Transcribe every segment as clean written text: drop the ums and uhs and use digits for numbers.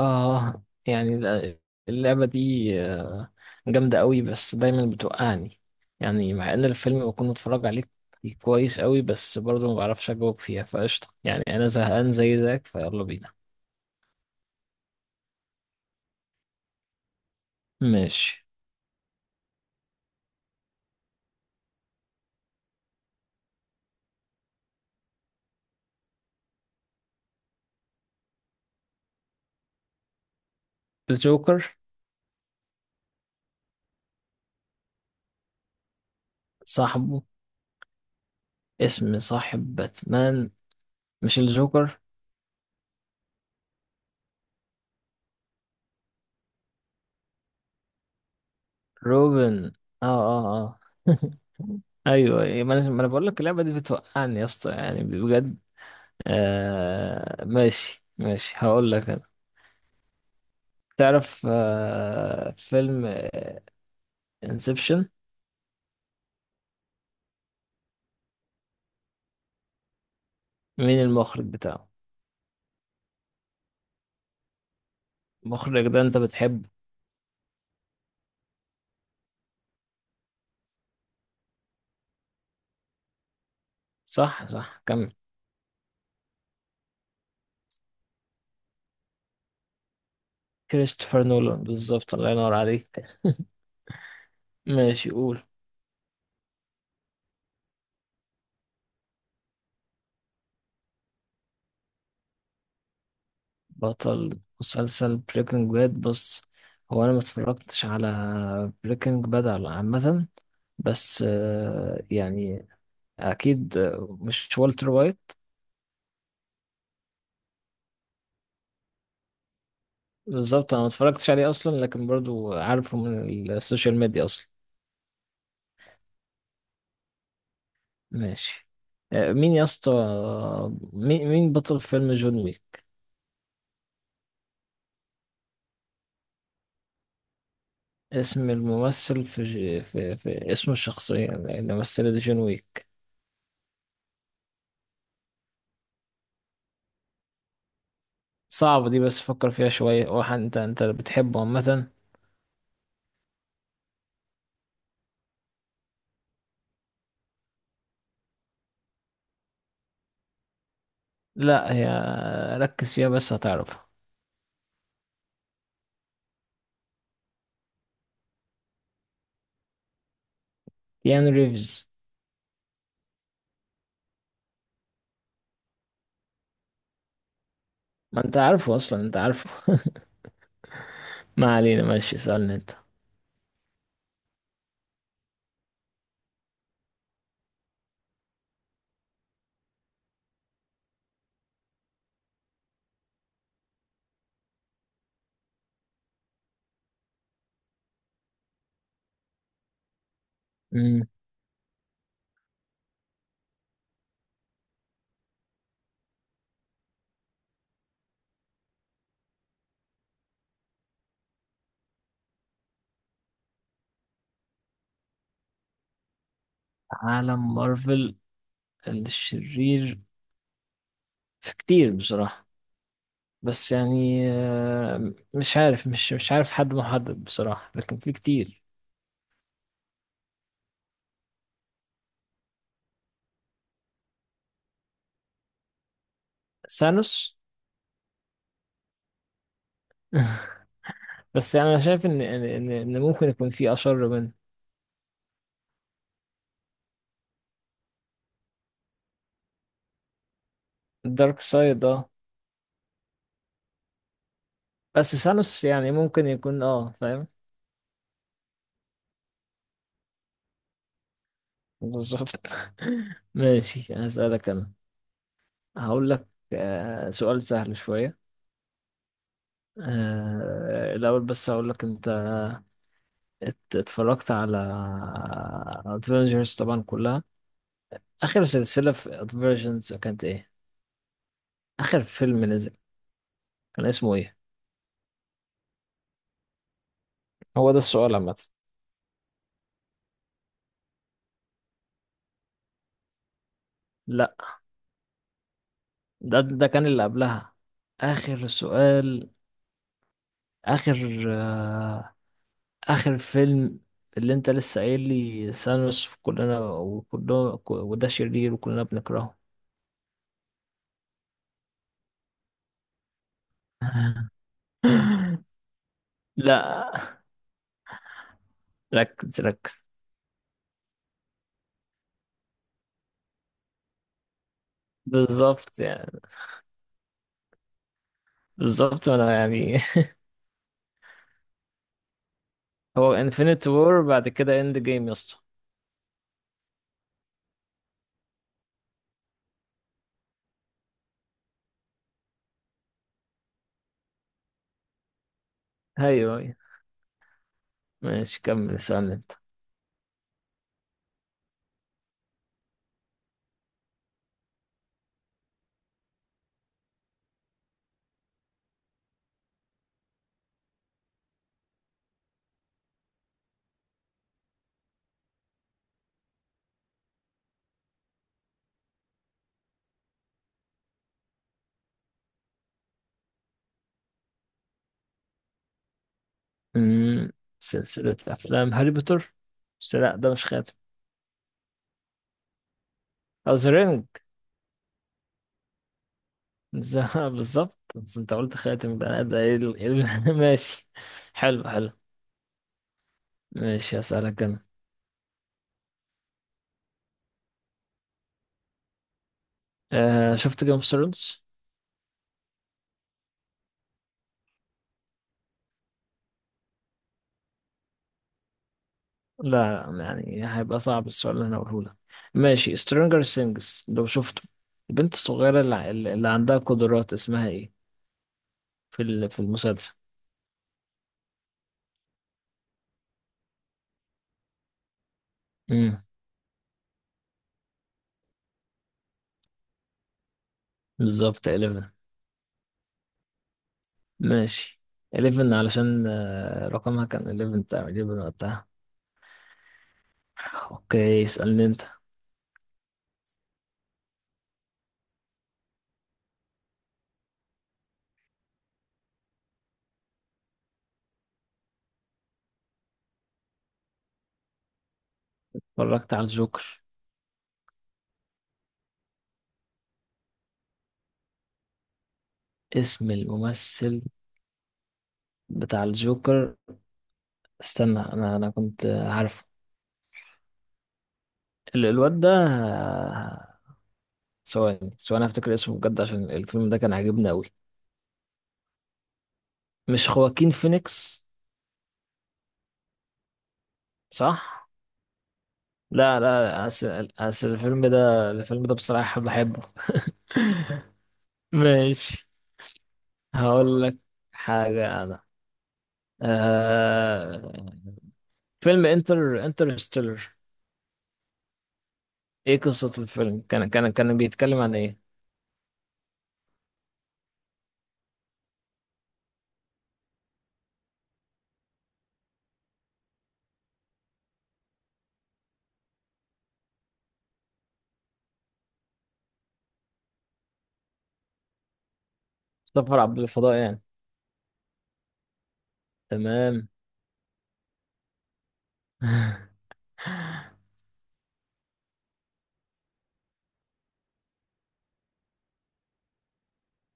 اه يعني، اللعبة دي جامدة قوي، بس دايما بتوقعني، يعني مع ان الفيلم بكون متفرج عليه كويس قوي، بس برضه ما بعرفش اجاوب فيها. فقشطة يعني انا زهقان زي زيك، فيلا بينا. ماشي. الجوكر. صاحبه؟ اسم صاحب باتمان مش الجوكر. روبن. اه، اه، اه. ايوه، أيوة، ما أنا بقول لك، اللعبة دي بتوقعني يا اسطى يعني بجد. ماشي ماشي، هقول لك. تعرف فيلم انسبشن؟ مين المخرج بتاعه؟ المخرج ده انت بتحبه؟ صح، صح، كمل. كريستوفر نولان بالظبط. الله ينور عليك. ماشي، قول. بطل مسلسل بريكنج باد. بص، هو انا ما اتفرجتش على بريكنج باد على عامة، بس يعني اكيد مش والتر وايت؟ بالظبط، انا ما اتفرجتش عليه اصلا، لكن برضو عارفه من السوشيال ميديا اصلا. ماشي. مين يا اسطى؟ مين بطل فيلم جون ويك؟ اسم الممثل، في اسم الشخصية اللي مثلت جون ويك. صعبة دي، بس فكر فيها شوية. واحد انت بتحبه عامة. لا هي، ركز فيها بس هتعرفها. كيانو ريفز. ما انت عارفه اصلا، انت عارفه. ما علينا. ماشي، سألني انت. مم. عالم مارفل؟ الشرير. في كتير بصراحة، بس يعني مش عارف حد محدد بصراحة، لكن في كتير. سانوس. بس يعني انا شايف ان ان ان إن ممكن يكون في اشر منه. الدارك سايد، اه. بس سانوس يعني ممكن يكون فاهم. بالظبط. ماشي، هسألك انا. هقول لك سؤال سهل شوية، الاول، بس هقول لك انت. اتفرجت على ادفنجرز طبعا كلها؟ اخر سلسلة في ادفنجرز كانت ايه؟ اخر فيلم نزل كان اسمه ايه؟ هو ده السؤال عامة. لا، ده كان اللي قبلها. اخر سؤال، اخر آه اخر فيلم، اللي انت لسه قايل لي ثانوس وكلنا وده شرير وكلنا بنكرهه. لا، ركز ركز. بالظبط يعني. بالظبط انا يعني. هو انفينيت وور، بعد كده اند جيم يا اسطى. ايوه، ايوه. ماشي، كمل اسألني انت. أمم، سلسلة افلام هاري بوتر. بس لا، ده مش خاتم. او سرنج. بالظبط، بس انت قلت خاتم. ده ايه ال- إيه ال- ماشي. حلو حلو. ماشي، هسألك انا. شفت جيم اوف ثرونز؟ لا يعني هيبقى صعب السؤال اللي انا هقوله لك. ماشي. سترينجر سينجز لو شفته، البنت الصغيرة اللي عندها قدرات اسمها ايه في المسلسل؟ امم بالظبط. 11. ماشي. 11 علشان رقمها كان 11، بتاع 11 وقتها. اوكي، اسألني انت. اتفرجت على الجوكر. اسم الممثل بتاع الجوكر. استنى، انا كنت عارف الواد ده. ثواني ثواني، افتكر اسمه بجد، عشان الفيلم ده كان عاجبني قوي. مش خواكين فينيكس؟ صح. لا لا، أصل الفيلم ده بصراحة بحبه. ماشي، هقول لك حاجة أنا. آه... فيلم انترستيلر. ايه قصة الفيلم؟ كان بيتكلم عن ايه؟ سفر عبر الفضاء يعني؟ تمام.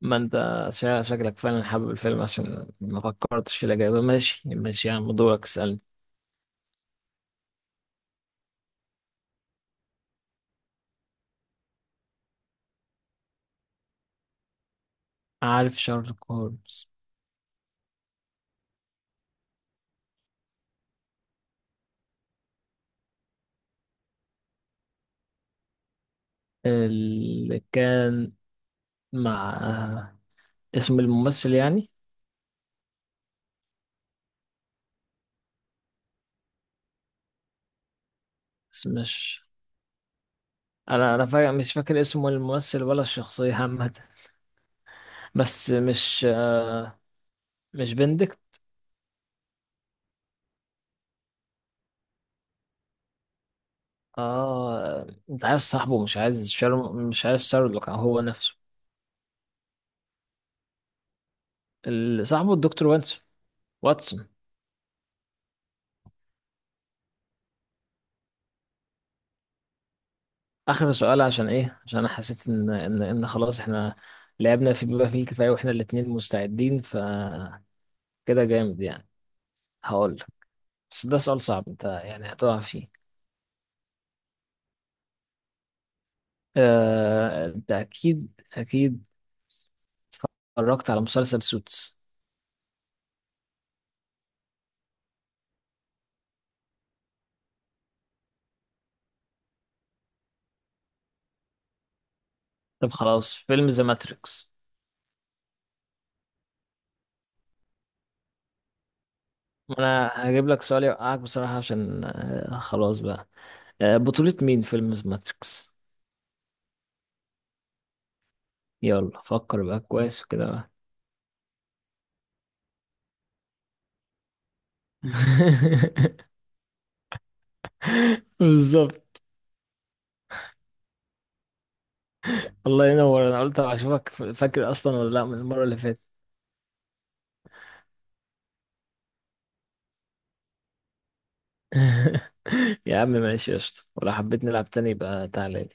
ما انت شكلك فعلا حابب الفيلم، عشان ما فكرتش في الإجابة. ماشي ماشي، يا عم دورك اسألني. عارف شارلوك هولمز. اللي كان مع، اسم الممثل يعني؟ بس مش، انا مش فاكر اسم الممثل ولا الشخصية عامة. بس مش بندكت؟ اه، انت عايز صاحبه، مش عايز شارلوك هو نفسه. اللي صاحبه الدكتور واتسون. واتسون. اخر سؤال عشان ايه؟ عشان انا حسيت ان خلاص احنا لعبنا في بما فيه الكفايه، واحنا الاتنين مستعدين فكده. جامد يعني. هقول لك، بس ده سؤال صعب، انت يعني هتقع فيه. انت اكيد اكيد اتفرجت على مسلسل سوتس؟ طب خلاص، فيلم ذا ماتريكس. انا هجيب لك سؤال يوقعك بصراحه، عشان خلاص بقى. بطوله مين فيلم ذا ماتريكس؟ يلا فكر بقى كويس وكده بقى. بالظبط. الله ينور. انا قلت اشوفك فاكر اصلا ولا لا من المره اللي فاتت. يا عم ماشي، قشطة، ولو حبيت نلعب تاني يبقى تعالى.